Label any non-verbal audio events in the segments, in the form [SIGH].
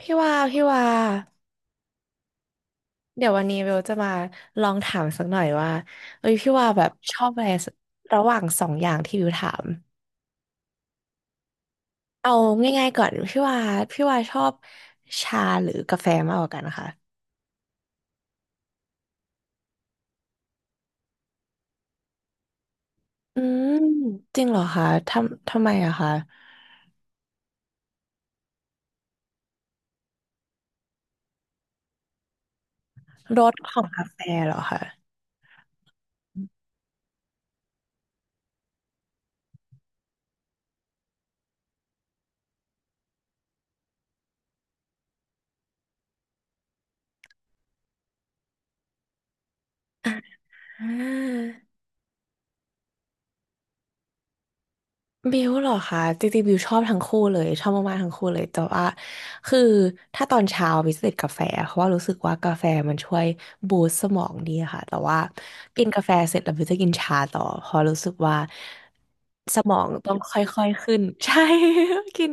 พี่ว่าเดี๋ยววันนี้เบลจะมาลองถามสักหน่อยว่าเอ้ยพี่ว่าแบบชอบอะไรระหว่างสองอย่างที่บิวถามเอาง่ายๆก่อนพี่ว่าชอบชาหรือกาแฟมากกว่ากันนะคะอืมจริงเหรอคะทำไมอะคะรสของกาแฟเหรอคะอ่า บิวเหรอคะจริงๆบิวชอบทั้งคู่เลยชอบมากๆทั้งคู่เลยแต่ว่าคือถ้าตอนเช้าบิวจะติดกาแฟเพราะว่ารู้สึกว่ากาแฟมันช่วยบูสต์สมองดีค่ะแต่ว่ากินกาแฟเสร็จแล้วบิวจะกินชาต่อเพราะรู้สึกว่าสมองต้องค่อยๆขึ้น [LAUGHS] ใช่ [LAUGHS] กิน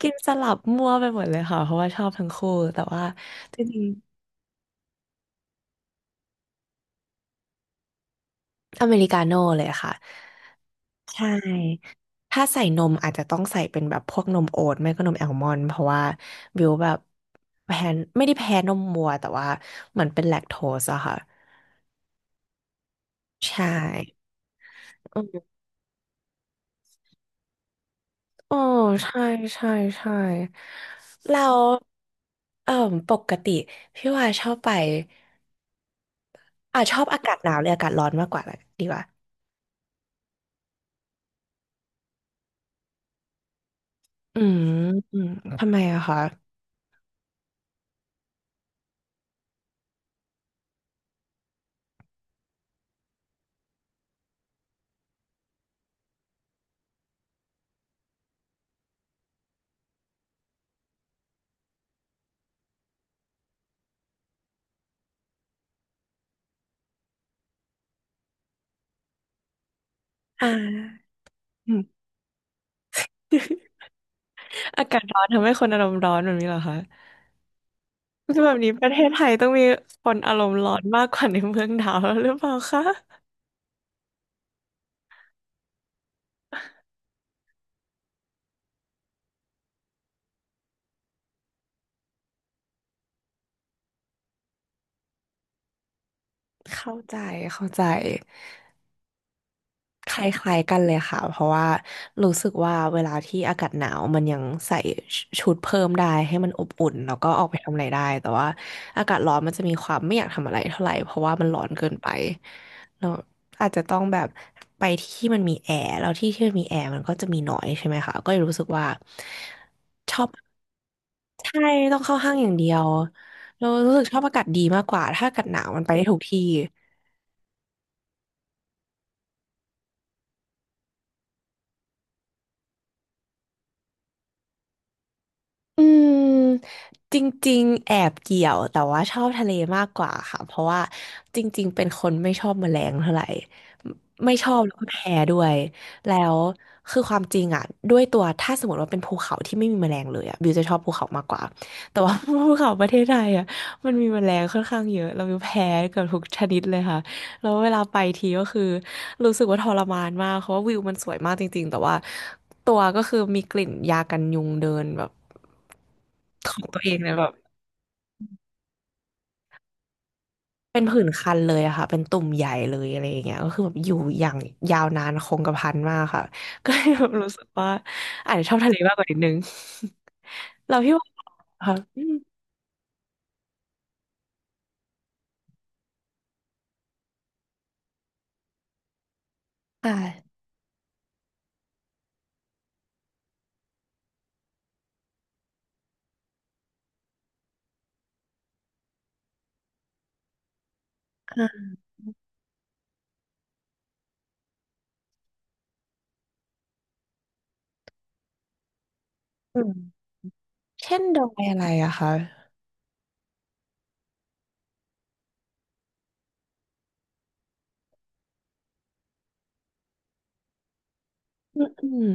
กินสลับมั่วไปหมดเลยค่ะเพราะว่าชอบทั้งคู่แต่ว่าจริงๆอเมริกาโน่เลยค่ะใช่ ถ้าใส่นมอาจจะต้องใส่เป็นแบบพวกนมโอ๊ตไม่ก็นมแอลมอนด์เพราะว่าบิวแบบแพ้ไม่ได้แพ้นมวัวแต่ว่าเหมือนเป็นแลคโตสอะค่ะใช่อืมโอ้ใช่ใช่ใช่แล้วเอ่อปกติพี่ว่าชอบไปชอบอากาศหนาวหรืออากาศร้อนมากกว่าดีกว่าอืมอืมทำไมอะคะอ่าอืม [LAUGHS] อากาศร้อนทำให้คนอารมณ์ร้อนแบบนี้เหรอคะ คือแบบนี้ประเทศไทยต้องมีคนอารมณ์ร้อนมากกว่าในเมืองหนาวแล้วหรือเปล่าคะเข้าใจเข้าใจ คล้ายๆกันเลยค่ะเพราะว่ารู้สึกว่าเวลาที่อากาศหนาวมันยังใส่ชุดเพิ่มได้ให้มันอบอุ่นแล้วก็ออกไปทำอะไรได้แต่ว่าอากาศร้อนมันจะมีความไม่อยากทำอะไรเท่าไหร่เพราะว่ามันร้อนเกินไปเราอาจจะต้องแบบไปที่มันมีแอร์แล้วที่มันมีแอร์มันก็จะมีน้อยใช่ไหมคะก็เลยรู้สึกว่าชอบใช่ต้องเข้าห้างอย่างเดียวเรารู้สึกชอบอากาศดีมากกว่าถ้าอากาศหนาวมันไปได้ทุกที่ อืมจริงๆแอบเกี่ยวแต่ว่าชอบทะเลมากกว่าค่ะเพราะว่าจริงๆเป็นคนไม่ชอบแมลงเท่าไหร่ไม่ชอบแล้วก็แพ้ด้วยแล้วคือความจริงอ่ะด้วยตัวถ้าสมมติว่าเป็นภูเขาที่ไม่มีแมลงเลยอ่ะบิวจะชอบภูเขามากกว่าแต่ว่า [LAUGHS] ภูเขาประเทศไทยอ่ะมันมีแมลงค่อนข้างเยอะเราแพ้เกือบทุกชนิดเลยค่ะแล้วเวลาไปทีก็คือรู้สึกว่าทรมานมากเพราะว่าวิวมันสวยมากจริงๆแต่ว่าตัวก็คือมีกลิ่นยากันยุงเดินแบบ ของตัวเองเนี่ยแบบเป็นผื่นคันเลยอะค่ะเป็นตุ่มใหญ่เลยอะไรอย่างเงี้ยก็คือแบบอยู่อย่างยาวนานคงกระพันมากค่ะ [LAUGHS] ก็เลยแบบรู้สึกว่าอาจจะชอบทะเลมากกว่านิดนึง [LAUGHS] เราพี่ว่าค่ะอืมค่ะอ่าอืมเช่นดอยอะไรอะคะอืมอืม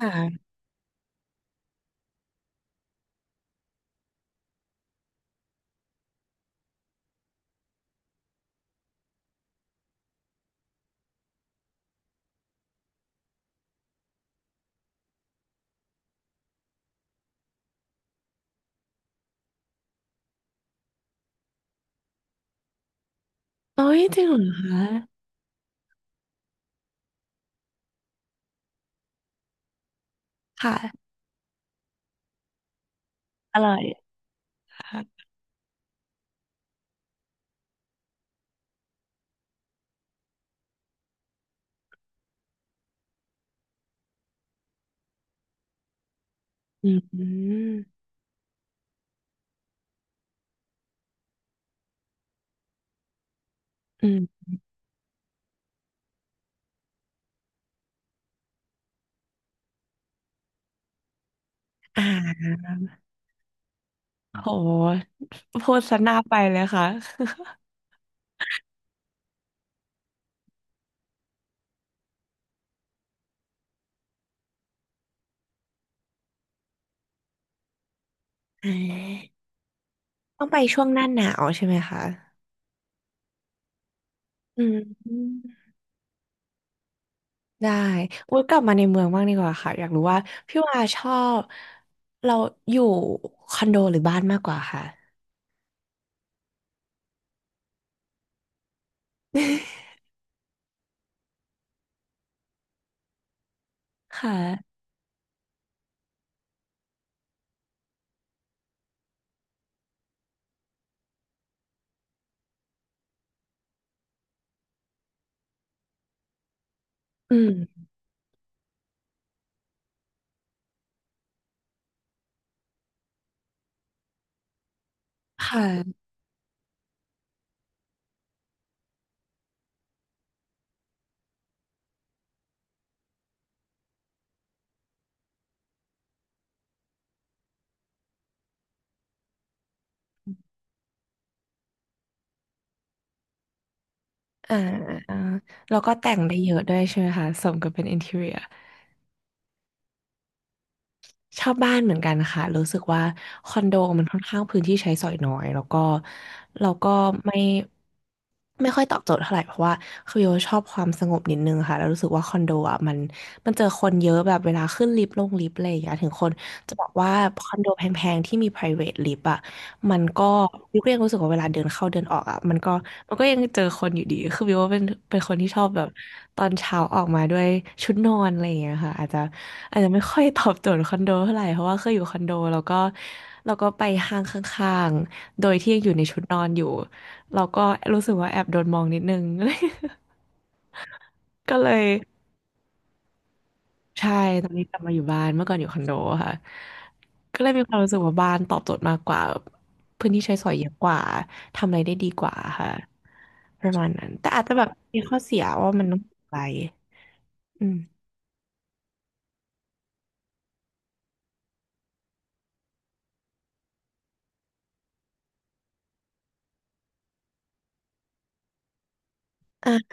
ค่ะโอ้ยจริงเหรอคะค่ะอร่อยค่ะอืมอืมอ่าโหพูดซะหน้าไปเลยค่ะ [LAUGHS] อ่าต้องไปช่วงหน้าหนาวใช่ไหมคะ อืมได้อุ้ยกลับมาในเมืองบ้างดีกว่าค่ะอยากรู้ว่าพี่วาชอบเราอยู่คอนโดหรือบ้านมากกว่าค่ะ [LAUGHS] ค่ะอืมค่ะอ่าอ่าแล้วก็แต่งได้เยอะด้วยใช่ไหมคะสมกับเป็นอินทีเรีย ชอบบ้านเหมือนกันค่ะรู้สึกว่าคอนโดมันค่อนข้างพื้นที่ใช้สอยน้อยแล้วก็เราก็ไม่ไม่ค่อยตอบโจทย์เท่าไหร่เพราะว่าคือโยชอบความสงบนิดนึงค่ะแล้วรู้สึกว่าคอนโดอ่ะมันเจอคนเยอะแบบเวลาขึ้นลิฟต์ลงลิฟต์อะไรอย่างเงี้ยถึงคนจะบอกว่าคอนโดแพงๆที่มี private lift อ่ะ มันก็วิวก็ยังรู้สึกว่าเวลาเดินเข้าเดินออกอ่ะมันก็ยังเจอคนอยู่ดีคือวิวว่าเป็นคนที่ชอบแบบตอนเช้าออกมาด้วยชุดนอนอะไรอย่างเงี้ยค่ะอาจจะไม่ค่อยตอบโจทย์คอนโดเท่าไหร่เพราะว่าเคยอยู่คอนโดแล้วก็ไปห้างข้างๆโดยที่ยังอยู่ในชุดนอนอยู่เราก็รู้สึกว่าแอบโดนมองนิดนึง [LAUGHS] ก็เลย ใช่ตอนนี้กลับมาอยู่บ้านเมื่อก่อนอยู่คอนโดค่ะก็เลยมีความรู้สึกว่าบ้านตอบโจทย์มากกว่าพื้นที่ใช้สอยเยอะกว่าทำอะไรได้ดีกว่าค่ะประมาณนั้นแต่อาจจะแบบมีข้อเสียว่ามันต้องไกลอืมอ่ะ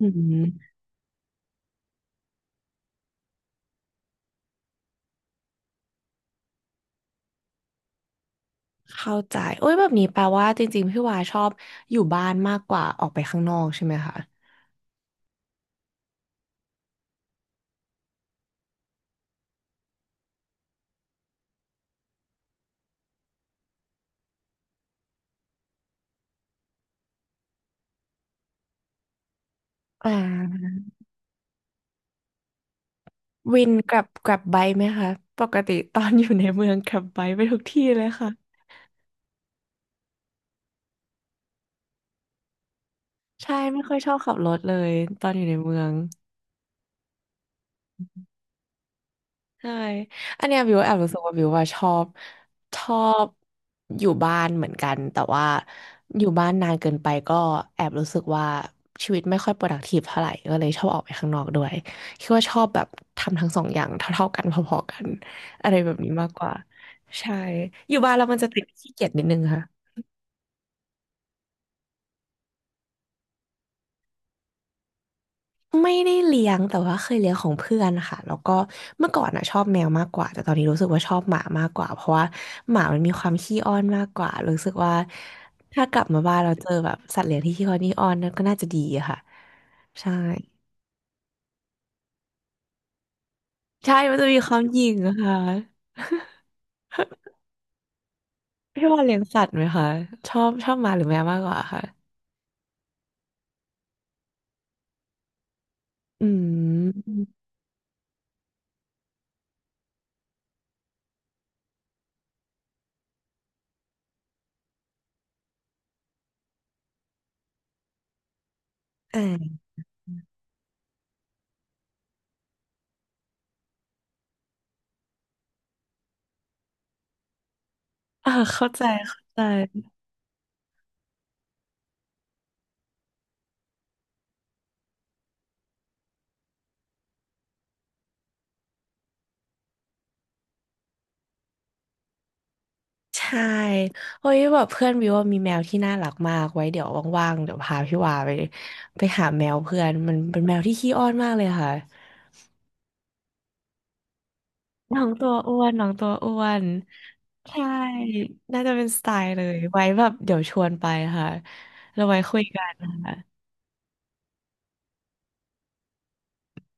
อืมเข้าใจโอ้ยแบบนี้แปลว่าจริงๆพี่วาชอบอยู่บ้านมากกว่าออกไปข้างนอกใช่ไหมคะอ่าวินกลับไบค์ไหมคะปกติตอนอยู่ในเมืองกลับไบค์ไปทุกที่เลยค่ะใช่ไม่ค่อยชอบขับรถเลยตอนอยู่ในเมือง ใช่อันเนี้ยบิวแอบรู้สึกว่าบิวว่าชอบชอบอยู่บ้านเหมือนกันแต่ว่าอยู่บ้านนานเกินไปก็แอบรู้สึกว่าชีวิตไม่ค่อย productive เท่าไหร่ก็เลยชอบออกไปข้างนอกด้วยคิดว่าชอบแบบทำทั้งสองอย่างเท่าๆกันพอๆกันอะไรแบบนี้มากกว่าใช่อยู่บ้านแล้วมันจะติดขี้เกียจนิดนึงค่ะ ไม่ได้เลี้ยงแต่ว่าเคยเลี้ยงของเพื่อนค่ะแล้วก็เมื่อก่อนน่ะชอบแมวมากกว่าแต่ตอนนี้รู้สึกว่าชอบหมามากกว่าเพราะว่าหมามันมีความขี้อ้อนมากกว่ารู้สึกว่าถ้ากลับมาบ้านเราเจอแบบสัตว์เลี้ยงที่ขี้อ้อนนี่อ้อนนั่นก็น่าจะดีอะค่ะใช่ใช่มันจะมีความหยิ่งอะค่ะพี่ว่าเลี้ยงสัตว์ไหมคะชอบหมาหรือแมวมากกว่าค่ะอืมอ่าอ่าเข้าใจเข้าใจ ใช่เฮ้ยแบบเพื่อนวิวว่ามีแมวที่น่ารักมากไว้เดี๋ยวว่างๆเดี๋ยวพาพี่วาไปหาแมวเพื่อนมันเป็นแมวที่ขี้อ้อนมากเลยค่ะน้องตัวอ้วนใช่น่าจะเป็นสไตล์เลยไว้แบบเดี๋ยวชวนไปค่ะเราไว้คุยกันค่ะ